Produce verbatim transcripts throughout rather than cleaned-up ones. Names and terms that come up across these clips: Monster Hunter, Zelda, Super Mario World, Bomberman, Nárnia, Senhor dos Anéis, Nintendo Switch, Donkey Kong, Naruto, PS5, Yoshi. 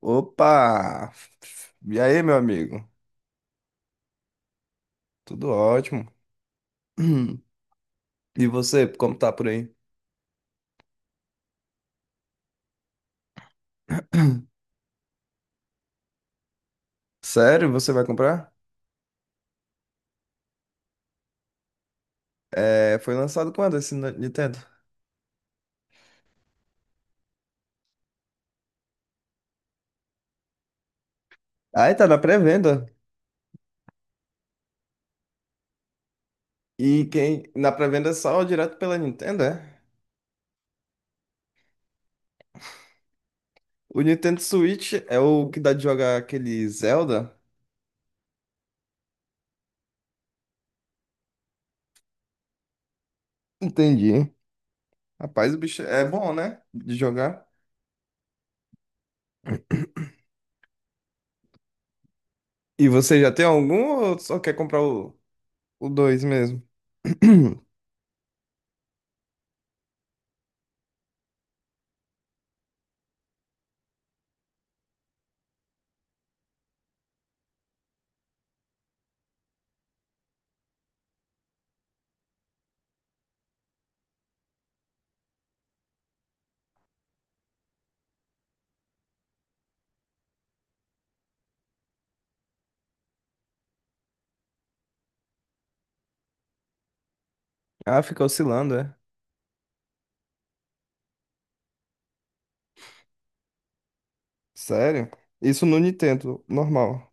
Opa! E aí, meu amigo? Tudo ótimo. E você, como tá por aí? Sério, você vai comprar? É, foi lançado quando esse Ni- Nintendo? Ah, tá na pré-venda. E quem na pré-venda é só direto pela Nintendo, é? O Nintendo Switch é o que dá de jogar aquele Zelda? Entendi. Rapaz, o bicho é bom, né? De jogar. E você já tem algum ou só quer comprar o, o dois mesmo? Ah, fica oscilando, é? Sério? Isso no Nintendo, normal.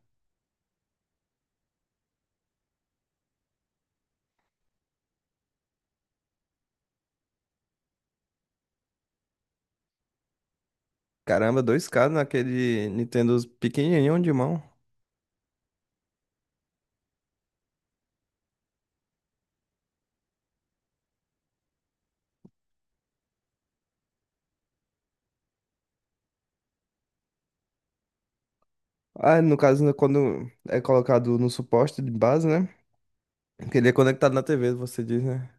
Caramba, dois k naquele Nintendo pequenininho de mão. Ah, no caso, né, quando é colocado no suporte de base, né? Que ele é conectado na tê vê, você diz, né?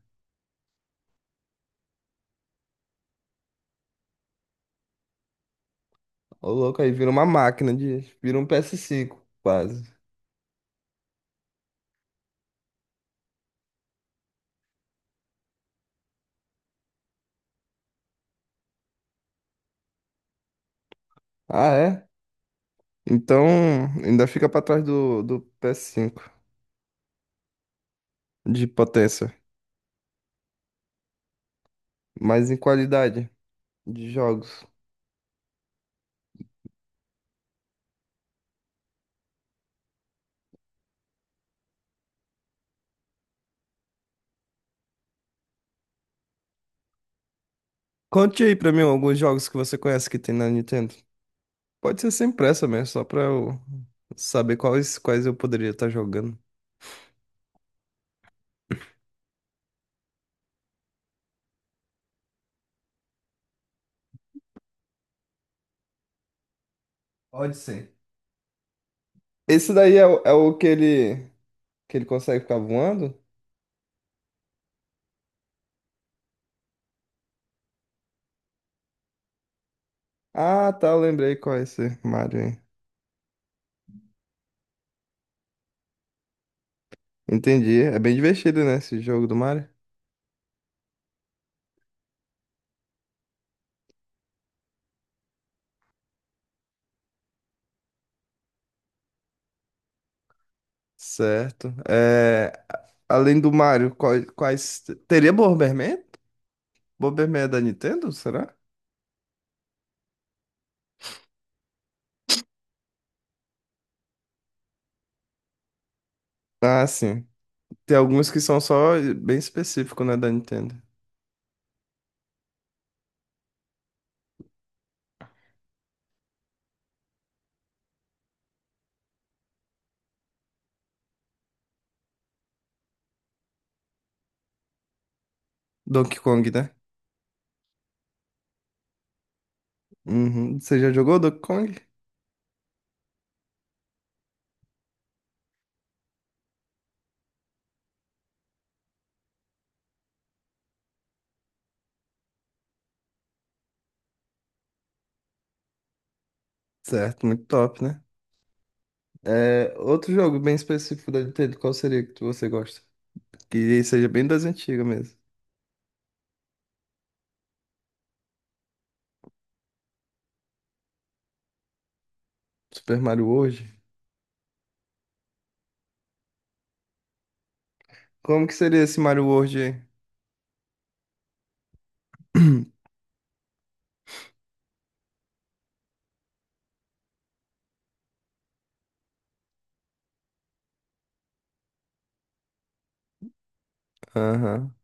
Ô, louco, aí vira uma máquina de... Vira um P S cinco, quase. Ah, é? Então, ainda fica pra trás do, do P S cinco de potência, mas em qualidade de jogos. Conte aí pra mim alguns jogos que você conhece que tem na Nintendo. Pode ser sem pressa mesmo, só pra eu saber quais, quais eu poderia estar jogando. Pode ser. Esse daí é, o é o que ele, que ele consegue ficar voando? Ah, tá, eu lembrei qual é esse Mario aí. Entendi. É bem divertido, né, esse jogo do Mario? Certo. É, a- além do Mario, quais, quais... Teria Bomberman? Bomberman é da Nintendo, será? Ah, sim. Tem alguns que são só bem específicos, né, da Nintendo. Donkey Kong, né? Uhum. Você já jogou Donkey Kong? Certo, muito top, né? É, outro jogo bem específico da Nintendo, qual seria que você gosta? Que seja bem das antigas mesmo. Super Mario World. Como que seria esse Mario World aí? Aham.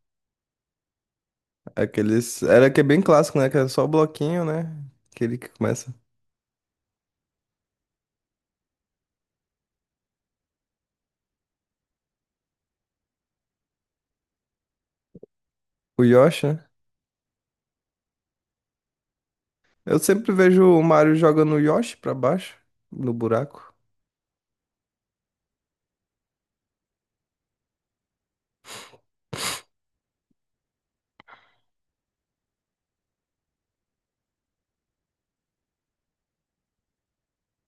Aqueles. Era que é bem clássico, né? Que era só o bloquinho, né? Aquele que começa. O Yoshi, né? Eu sempre vejo o Mario jogando o Yoshi pra baixo, no buraco.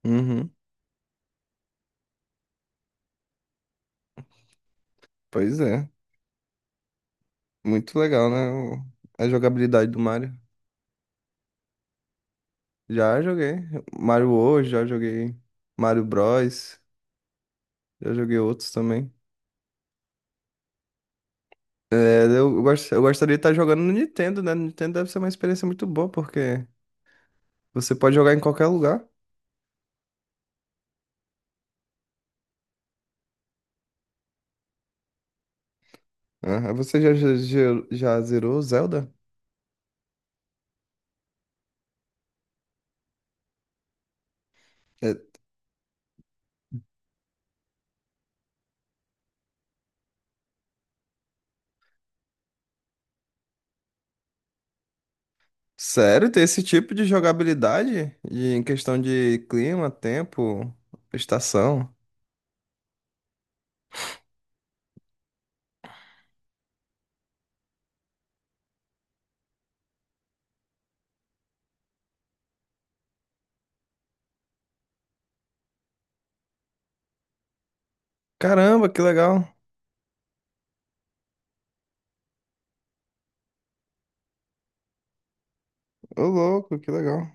Uhum. Pois é. Muito legal, né? o- A jogabilidade do Mario. Já joguei. Mario World, já joguei Mario Bros. Já joguei outros também. É, eu, gost- eu gostaria de estar jogando no Nintendo, né? No Nintendo deve ser uma experiência muito boa, porque você pode jogar em qualquer lugar. Ah, você já, já, já já zerou Zelda? É, sério, ter esse tipo de jogabilidade? E em questão de clima, tempo, estação? Caramba, que legal! Ô, louco, que legal.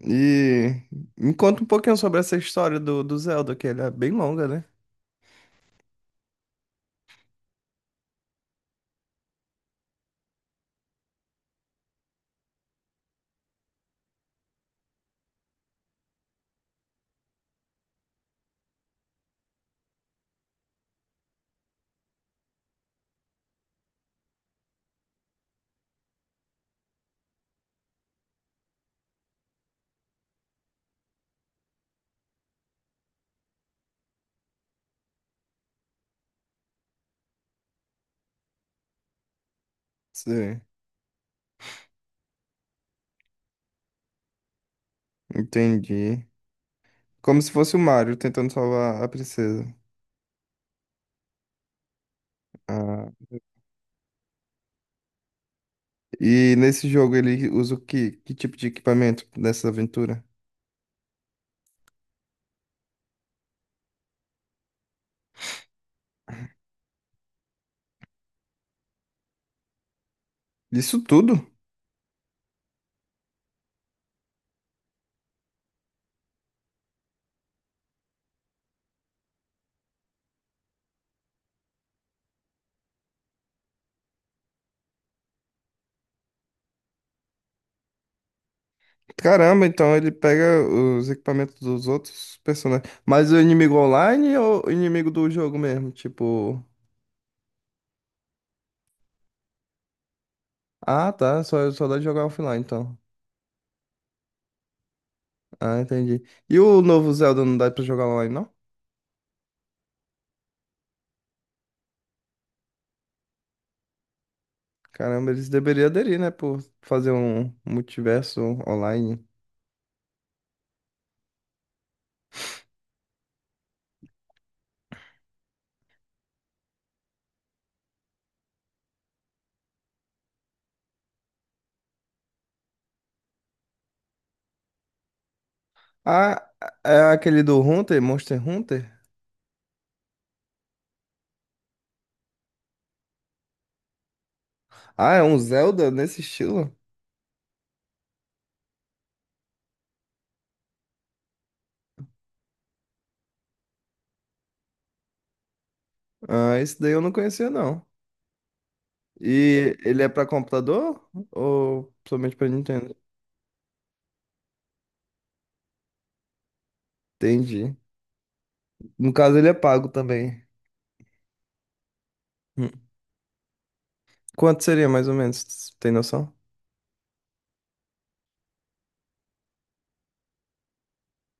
E me conta um pouquinho sobre essa história do, do Zelda, que ele é bem longa, né? Sim, entendi. Como se fosse o Mario tentando salvar a princesa. Ah, e nesse jogo ele usa o que, que tipo de equipamento nessa aventura? Isso tudo? Caramba, então ele pega os equipamentos dos outros personagens. Mas o inimigo online ou o inimigo do jogo mesmo? Tipo. Ah, tá. Só, só dá de jogar offline, então. Ah, entendi. E o novo Zelda não dá pra jogar online, não? Caramba, eles deveriam aderir, né? Por fazer um multiverso online. Ah, é aquele do Hunter, Monster Hunter? Ah, é um Zelda nesse estilo? Ah, esse daí eu não conhecia, não. E ele é pra computador ou somente pra Nintendo? Entendi. No caso, ele é pago também. Hum. Quanto seria mais ou menos? Tem noção?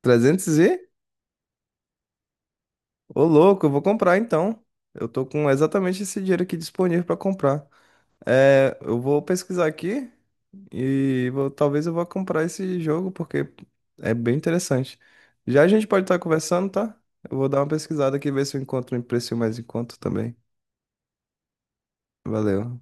Trezentos e? Ô, louco, eu vou comprar então. Eu tô com exatamente esse dinheiro aqui disponível pra comprar. É, eu vou pesquisar aqui e vou- talvez eu vá comprar esse jogo porque é bem interessante. Já a gente pode estar conversando, tá? Eu vou dar uma pesquisada aqui ver se eu encontro um preço mais em conta também. Valeu.